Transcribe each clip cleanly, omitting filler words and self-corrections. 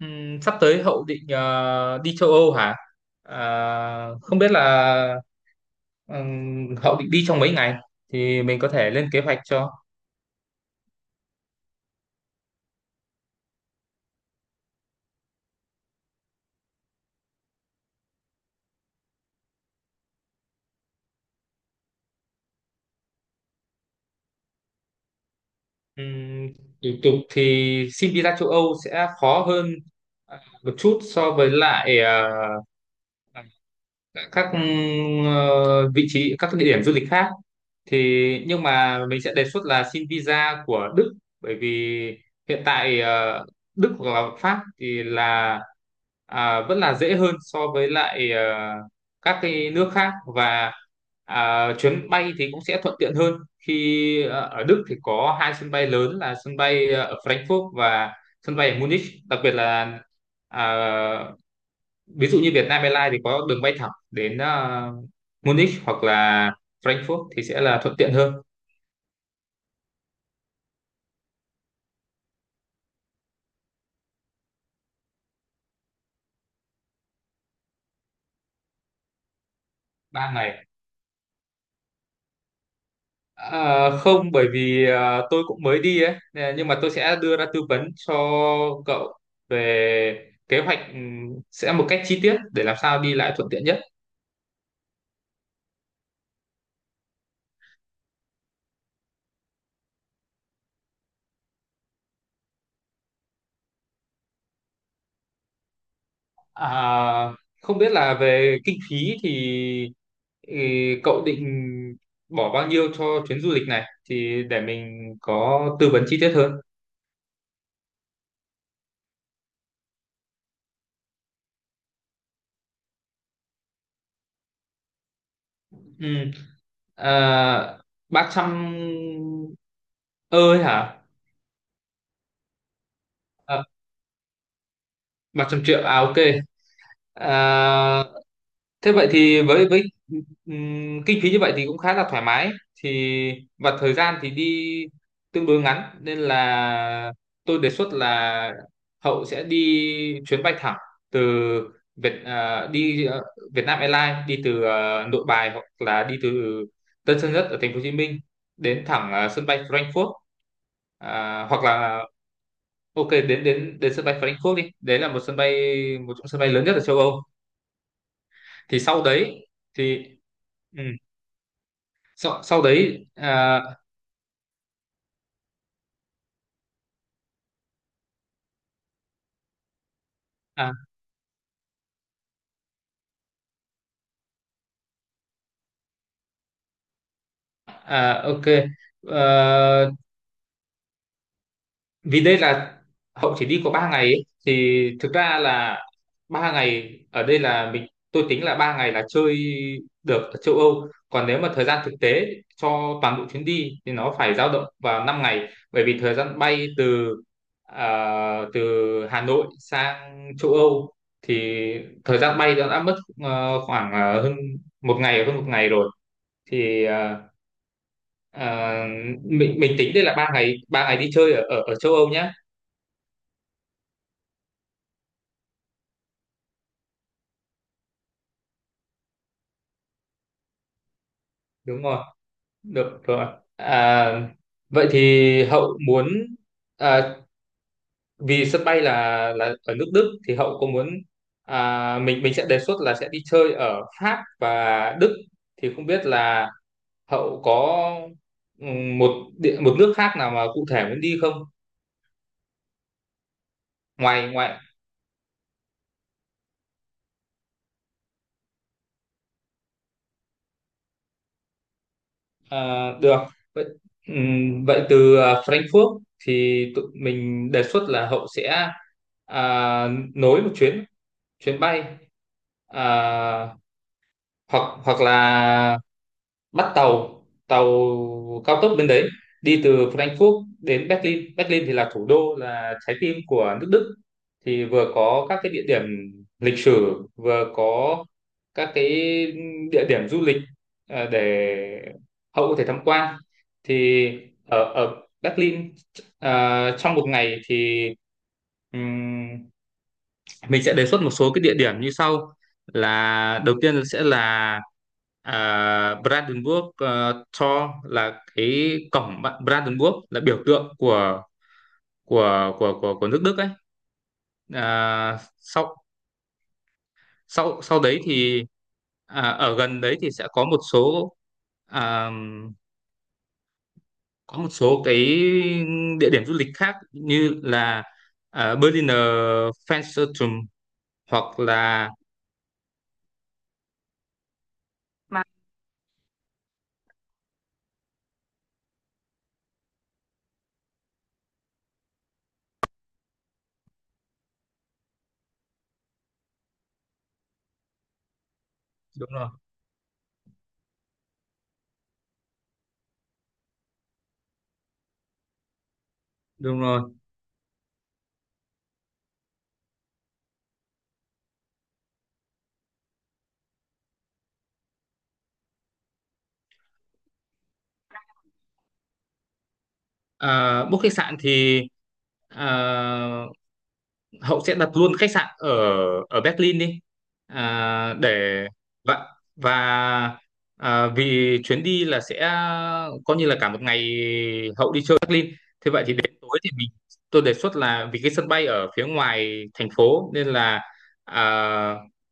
Sắp tới Hậu định đi châu Âu hả? Không biết là Hậu định đi trong mấy ngày thì mình có thể lên kế hoạch cho. Ừm, Thủ tục thì xin visa châu Âu sẽ khó hơn một chút so với lại các vị trí các địa điểm du lịch khác thì, nhưng mà mình sẽ đề xuất là xin visa của Đức, bởi vì hiện tại Đức hoặc là Pháp thì là vẫn là dễ hơn so với lại các cái nước khác, và chuyến bay thì cũng sẽ thuận tiện hơn khi ở Đức thì có hai sân bay lớn là sân bay ở Frankfurt và sân bay ở Munich, đặc biệt là à, ví dụ như Vietnam Airlines thì có đường bay thẳng đến Munich hoặc là Frankfurt thì sẽ là thuận tiện hơn. 3 ngày. Không, bởi vì tôi cũng mới đi ấy nè, nhưng mà tôi sẽ đưa ra tư vấn cho cậu về kế hoạch, sẽ một cách chi tiết để làm sao đi lại thuận tiện nhất. à, Không biết là về kinh phí thì ừ, cậu định bỏ bao nhiêu cho chuyến du lịch này thì để mình có tư vấn chi tiết hơn. Ừ. à, 300 ơi hả? à, 300 triệu à? ok. à, Thế vậy thì với kinh phí như vậy thì cũng khá là thoải mái, thì và thời gian thì đi tương đối ngắn nên là tôi đề xuất là Hậu sẽ đi chuyến bay thẳng từ đi Việt Nam Airlines, đi từ Nội Bài hoặc là đi từ Tân Sơn Nhất ở Thành phố Hồ Chí Minh đến thẳng sân bay Frankfurt. Hoặc là ok đến đến đến sân bay Frankfurt đi, đấy là một sân bay, một trong sân bay lớn nhất ở châu Âu thì sau đấy thì ừ, sau đấy à, ok. Ờ, vì đây là Hậu chỉ đi có 3 ngày ấy, thì thực ra là 3 ngày ở đây là mình tôi tính là 3 ngày là chơi được ở châu Âu, còn nếu mà thời gian thực tế cho toàn bộ chuyến đi thì nó phải dao động vào 5 ngày, bởi vì thời gian bay từ từ Hà Nội sang châu Âu thì thời gian bay đã mất khoảng hơn một ngày, hơn một ngày rồi thì ờ, mình tính đây là 3 ngày, 3 ngày đi chơi ở ở, ở châu Âu nhé. Đúng rồi. Được rồi. À, Vậy thì Hậu muốn à, vì sân bay là ở nước Đức thì Hậu có muốn mình sẽ đề xuất là sẽ đi chơi ở Pháp và Đức thì không biết là Hậu có ừm, một một nước khác nào mà cụ thể muốn đi không? Ngoài ngoài à, được. Vậy vậy từ Frankfurt thì tụi mình đề xuất là Hậu sẽ à, nối một chuyến chuyến bay, à, hoặc hoặc là bắt tàu tàu cao tốc bên đấy, đi từ Frankfurt đến Berlin. Berlin thì là thủ đô, là trái tim của nước Đức thì vừa có các cái địa điểm lịch sử, vừa có các cái địa điểm du lịch để Hậu có thể tham quan thì ở ở Berlin trong một ngày thì mình sẽ đề xuất một số cái địa điểm như sau, là đầu tiên sẽ là Brandenburg Tor là cái cổng, Brandenburg là biểu tượng của nước Đức ấy. Sau sau sau đấy thì ở gần đấy thì sẽ có một số, à, cái địa điểm du lịch khác như là Berliner Fernsehturm hoặc là mà. Đúng rồi, đúng rồi. Ờ, book khách sạn thì ờ, Hậu sẽ đặt luôn khách sạn ở ở Berlin đi, để và và vì chuyến đi là sẽ coi như là cả một ngày Hậu đi chơi Berlin, thế vậy thì đến tối thì mình tôi đề xuất là vì cái sân bay ở phía ngoài thành phố nên là à,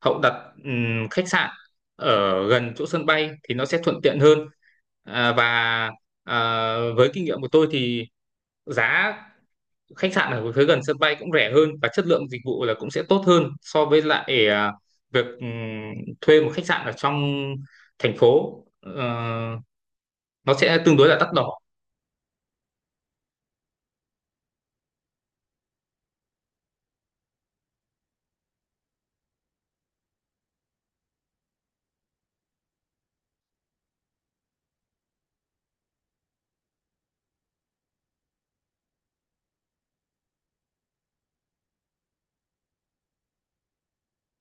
Hậu đặt khách sạn ở gần chỗ sân bay thì nó sẽ thuận tiện hơn. Và à, với kinh nghiệm của tôi thì giá khách sạn ở phía gần sân bay cũng rẻ hơn và chất lượng dịch vụ là cũng sẽ tốt hơn so với lại việc thuê một khách sạn ở trong thành phố. Ờ, nó sẽ tương đối là đắt đỏ.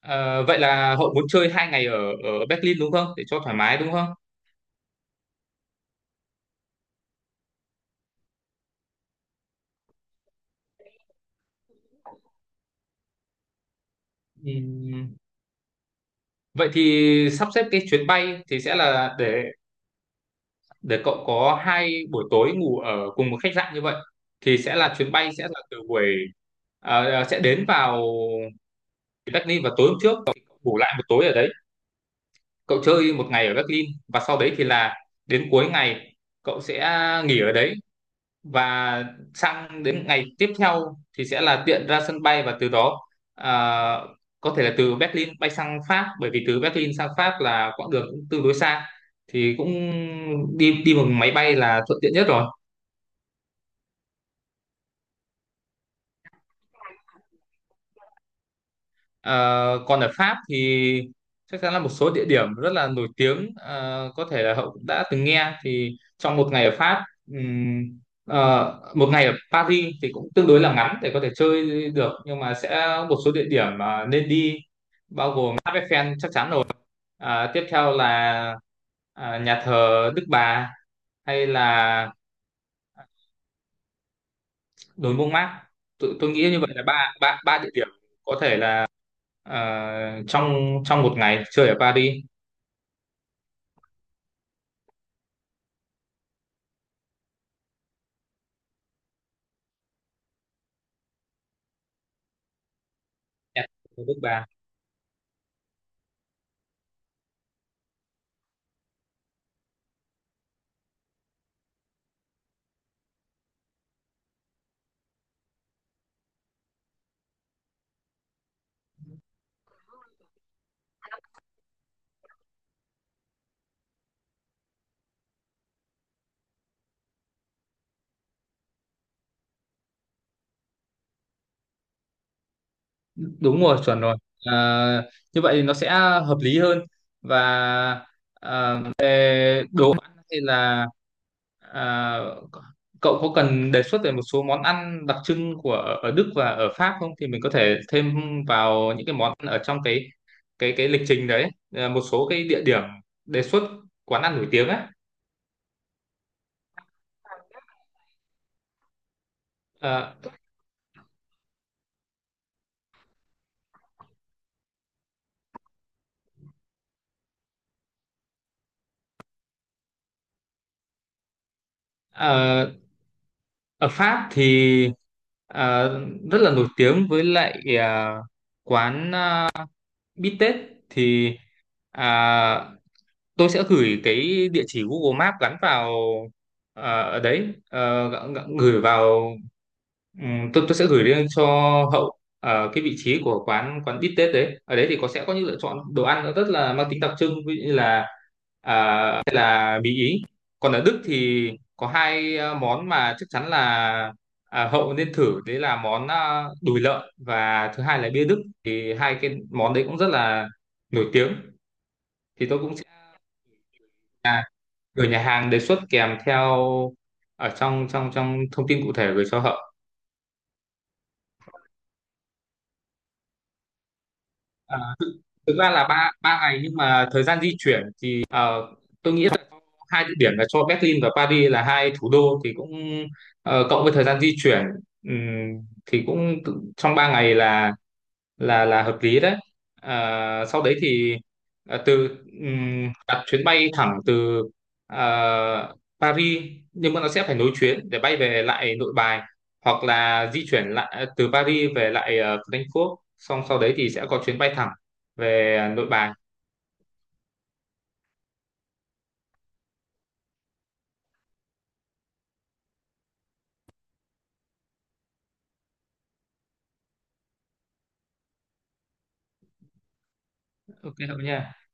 Ờ, vậy là Hậu muốn chơi 2 ngày ở ở Berlin đúng không? Để cho thoải mái đúng không? Ừm, Vậy thì sắp xếp cái chuyến bay thì sẽ là để cậu có 2 buổi tối ngủ ở cùng một khách sạn như vậy thì sẽ là chuyến bay sẽ là từ buổi à, à, sẽ đến vào Berlin vào tối hôm trước, cậu ngủ lại một tối ở đấy, cậu chơi một ngày ở Berlin và sau đấy thì là đến cuối ngày cậu sẽ nghỉ ở đấy, và sang đến ngày tiếp theo thì sẽ là tiện ra sân bay và từ đó à, có thể là từ Berlin bay sang Pháp, bởi vì từ Berlin sang Pháp là quãng đường cũng tương đối xa thì cũng đi đi bằng máy bay là thuận tiện nhất rồi. Ờ, còn ở Pháp thì chắc chắn là một số địa điểm rất là nổi tiếng, có thể là Hậu cũng đã từng nghe thì, trong một ngày ở Pháp ừm, một ngày ở Paris thì cũng tương đối là ngắn để có thể chơi được, nhưng mà sẽ một số địa điểm mà nên đi bao gồm tháp Eiffel chắc chắn rồi. Tiếp theo là nhà thờ Đức Bà hay là đồi Mông Mát. Tôi nghĩ như vậy là ba ba ba địa điểm có thể là ờ, trong trong một ngày chơi ở Paris. Đẹp, ở bước ba. Đúng rồi, chuẩn rồi. Ờ, như vậy thì nó sẽ hợp lý hơn. Và về hay là ờ, cậu có cần đề xuất về một số món ăn đặc trưng của ở Đức và ở Pháp không thì mình có thể thêm vào những cái món ăn ở trong cái lịch trình đấy. Ờ, một số cái địa điểm đề xuất quán ăn nổi tiếng ấy. Ờ, ờ, Ở Pháp thì ờ, rất là nổi tiếng với lại quán bít tết thì à, tôi sẽ gửi cái địa chỉ Google Maps gắn vào ở đấy. Ờ, gửi vào tôi sẽ gửi lên cho Hậu cái vị trí của quán quán bít tết đấy. Ở đấy thì có sẽ có những lựa chọn đồ ăn nó rất là mang tính đặc trưng, ví dụ như là Mỹ Ý. Còn ở Đức thì có hai món mà chắc chắn là Hậu nên thử, đấy là món đùi lợn và thứ hai là bia Đức thì hai cái món đấy cũng rất là nổi tiếng, thì tôi cũng sẽ gửi nhà hàng đề xuất kèm theo ở trong trong trong thông tin cụ thể gửi cho Hậu. À, thực ra là ba ba ngày nhưng mà thời gian di chuyển thì tôi nghĩ hai địa điểm là cho Berlin và Paris là hai thủ đô thì cũng cộng với thời gian di chuyển, thì cũng trong 3 ngày là hợp lý đấy. Ờ, sau đấy thì từ đặt chuyến bay thẳng từ ờ, Paris, nhưng mà nó sẽ phải nối chuyến để bay về lại Nội Bài, hoặc là di chuyển lại từ Paris về lại Frankfurt xong sau đấy thì sẽ có chuyến bay thẳng về Nội Bài. Ok không nha?